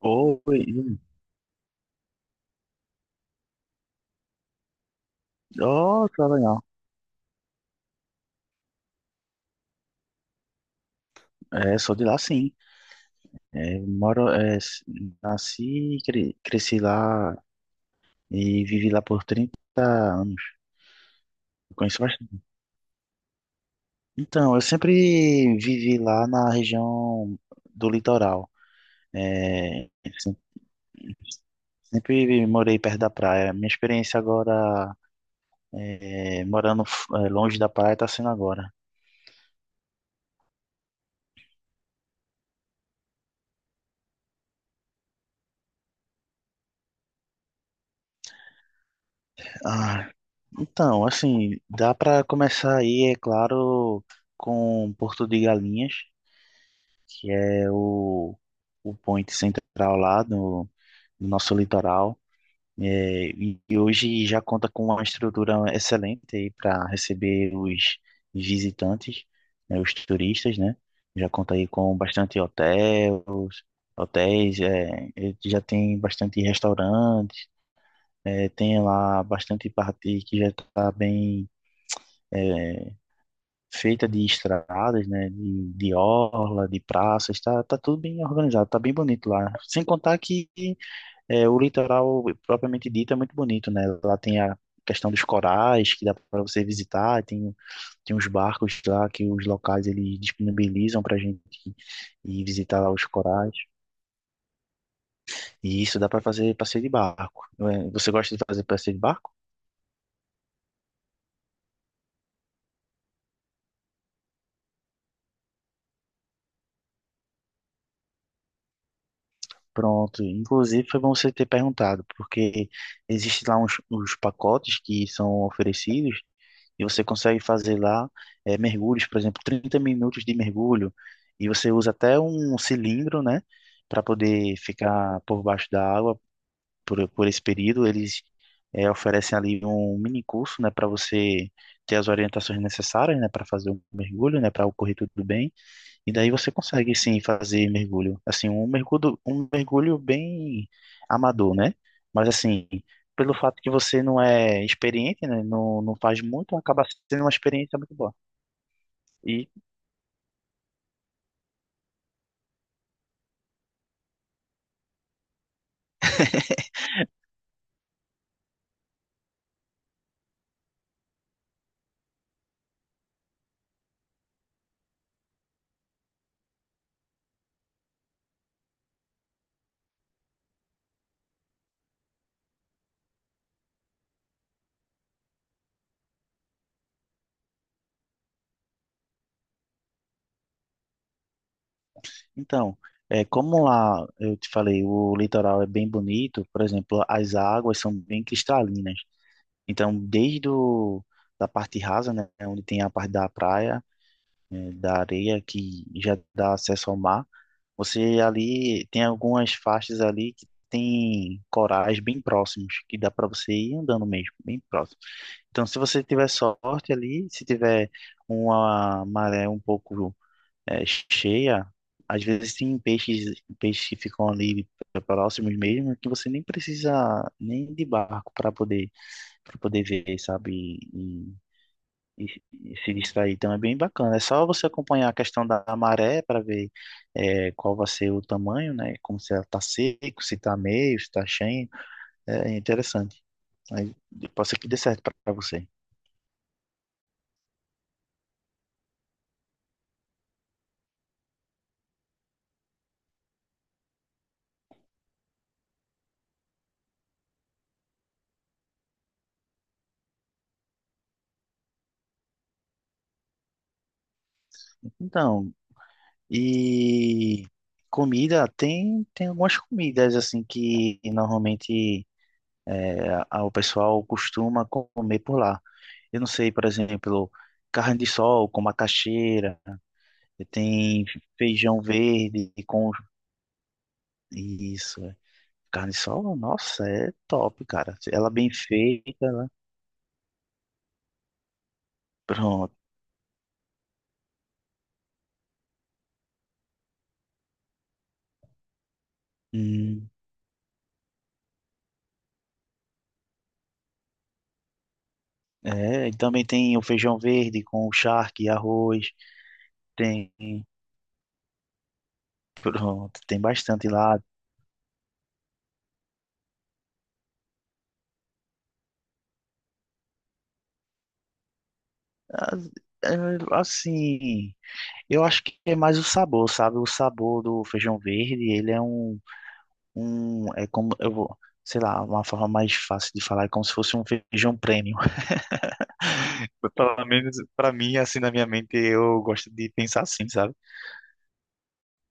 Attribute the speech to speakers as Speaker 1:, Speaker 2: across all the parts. Speaker 1: Oi, oh, tá legal. É, sou de lá sim. É, moro, é, nasci, e cresci lá e vivi lá por 30 anos. Eu conheço bastante. Então, eu sempre vivi lá na região do litoral. É, se- sempre morei perto da praia. Minha experiência agora, é, morando é, longe da praia, tá sendo agora. Ah, então, assim, dá para começar aí, é claro, com Porto de Galinhas. Que é o point central lá no nosso litoral. É, e hoje já conta com uma estrutura excelente para receber os visitantes, né, os turistas, né? Já conta aí com bastante hotéis, hotéis, é, e já tem bastante restaurantes, é, tem lá bastante parte que já está bem, é, feita de estradas, né, de orla, de praças, tá tudo bem organizado, tá bem bonito lá. Sem contar que, é, o litoral propriamente dito é muito bonito, né? Lá tem a questão dos corais que dá para você visitar, tem uns barcos lá que os locais eles disponibilizam para gente ir visitar lá os corais. E isso dá para fazer passeio de barco. Não é? Você gosta de fazer passeio de barco? Pronto, inclusive foi bom você ter perguntado, porque existe lá uns, pacotes que são oferecidos e você consegue fazer lá, mergulhos, por exemplo, 30 minutos de mergulho, e você usa até um cilindro, né, para poder ficar por baixo da água por esse período. Eles, oferecem ali um mini curso, né, para você ter as orientações necessárias, né, para fazer o mergulho, né, para ocorrer tudo bem. E daí você consegue sim fazer mergulho. Assim, um mergulho, bem amador, né? Mas assim, pelo fato que você não é experiente, né? Não faz muito, acaba sendo uma experiência muito boa. E então, é, como lá eu te falei, o litoral é bem bonito, por exemplo, as águas são bem cristalinas. Então, desde o, da parte rasa, né? Onde tem a parte da praia, da areia, que já dá acesso ao mar. Você ali tem algumas faixas ali que tem corais bem próximos, que dá para você ir andando mesmo, bem próximo. Então, se você tiver sorte ali, se tiver uma maré um pouco, cheia, às vezes tem peixes, que ficam ali próximos mesmo, que você nem precisa nem de barco para poder ver, sabe? E, e, e se distrair. Então é bem bacana. É só você acompanhar a questão da maré para ver, qual vai ser o tamanho, né? Como se ela está seco, se está meio, se está cheio. É interessante. Aí, pode ser que dê certo para você. Então, e comida, tem algumas comidas assim que normalmente, o pessoal costuma comer por lá. Eu não sei, por exemplo, carne de sol com macaxeira, tem feijão verde com. Isso, é. Carne sol, nossa, é top, cara. Ela bem feita, né? Pronto. Hum, é, e também tem o feijão verde com o charque, arroz, tem, pronto, tem bastante lá. Ah, é, assim, eu acho que é mais o sabor, sabe? O sabor do feijão verde, ele é um, é como, eu vou, sei lá, uma forma mais fácil de falar, é como se fosse um feijão premium. Pelo menos pra mim, assim, na minha mente, eu gosto de pensar assim, sabe?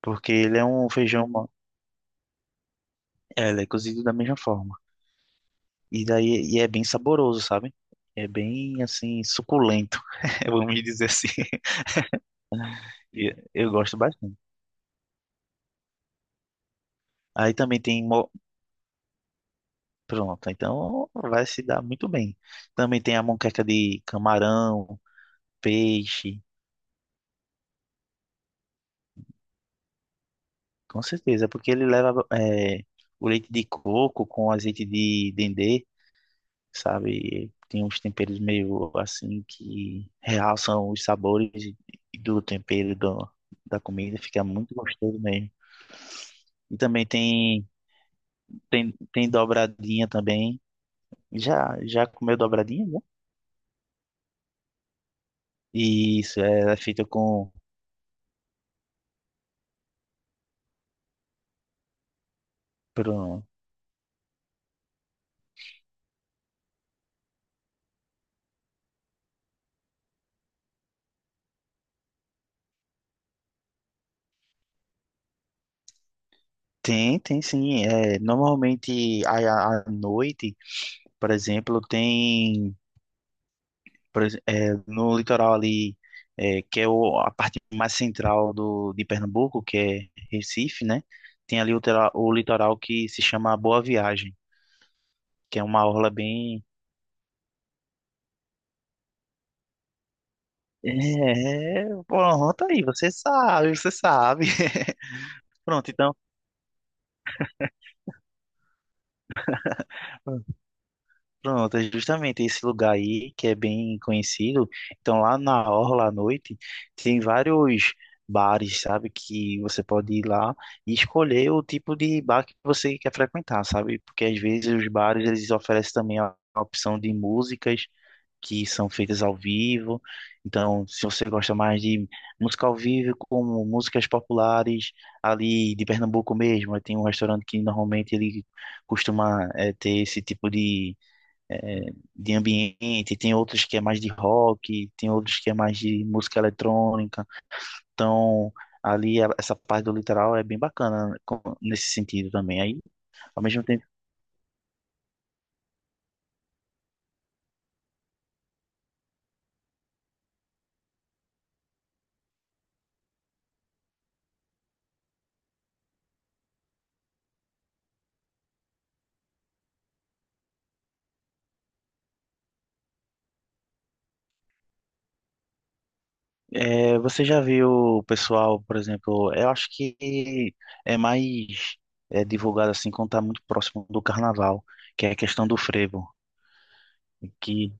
Speaker 1: Porque ele é um feijão, é, ele é cozido da mesma forma. E daí, e é bem saboroso, sabe? É bem assim, suculento, vamos dizer assim. E eu gosto bastante. Aí também tem. Pronto, então vai se dar muito bem. Também tem a moqueca de camarão, peixe, com certeza, porque ele leva, é, o leite de coco com azeite de dendê, sabe? E tem uns temperos meio assim que realçam os sabores, e do tempero do, da comida, fica muito gostoso mesmo. E também tem, tem dobradinha também. Já comeu dobradinha, né? E isso, é feita com. Pronto. Tem sim. É, normalmente à noite, por exemplo, tem. É, no litoral ali, é, que é a parte mais central do, de Pernambuco, que é Recife, né? Tem ali o litoral que se chama Boa Viagem, que é uma orla bem. É, pronto aí, você sabe, você sabe. Pronto, então. Pronto, é justamente esse lugar aí que é bem conhecido. Então, lá na orla à noite, tem vários bares, sabe? Que você pode ir lá e escolher o tipo de bar que você quer frequentar, sabe? Porque às vezes os bares eles oferecem também a opção de músicas que são feitas ao vivo. Então, se você gosta mais de música ao vivo, como músicas populares ali de Pernambuco mesmo, tem um restaurante que normalmente ele costuma, ter esse tipo de, é, de ambiente, tem outros que é mais de rock, tem outros que é mais de música eletrônica. Então, ali essa parte do litoral é bem bacana, né, nesse sentido também. Aí, ao mesmo tempo, é, você já viu o pessoal, por exemplo, eu acho que é mais, é, divulgado assim quando tá muito próximo do carnaval, que é a questão do frevo, que.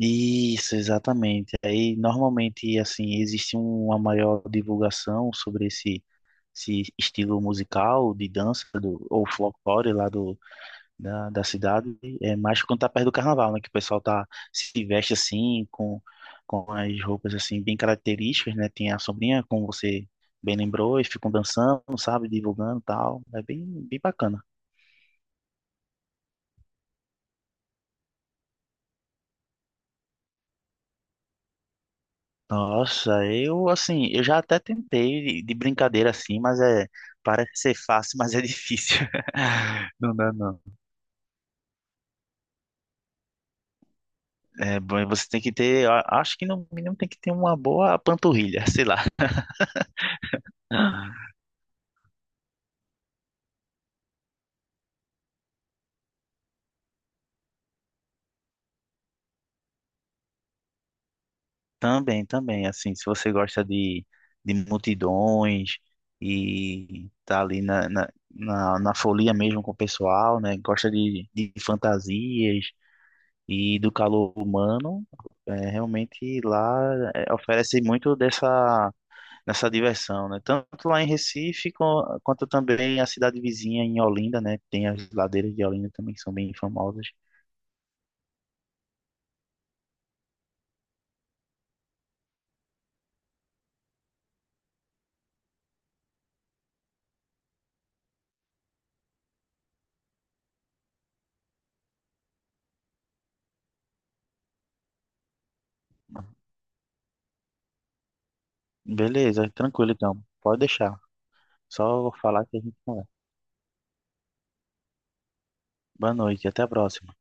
Speaker 1: Isso, exatamente. Aí normalmente assim existe uma maior divulgação sobre esse estilo musical de dança do, ou folclore lá do, da cidade, é mais quando tá perto do carnaval, né? Que o pessoal tá, se veste assim, com as roupas assim bem características, né? Tem a sombrinha, como você bem lembrou, e ficam dançando, sabe? Divulgando e tal. É bem, bem bacana. Nossa, eu assim, eu já até tentei de brincadeira assim, mas é, parece ser fácil, mas é difícil. Não dá, não. É, bom, e você tem que ter, eu acho que no mínimo tem que ter uma boa panturrilha, sei lá. Também, assim, se você gosta de multidões e tá ali na folia mesmo com o pessoal, né? Gosta de fantasias e do calor humano, é, realmente lá é, oferece muito dessa, diversão, né? Tanto lá em Recife quanto também a cidade vizinha em Olinda, né? Tem as ladeiras de Olinda também que são bem famosas. Beleza, tranquilo então. Pode deixar. Só vou falar que a gente conversa. Boa noite, até a próxima.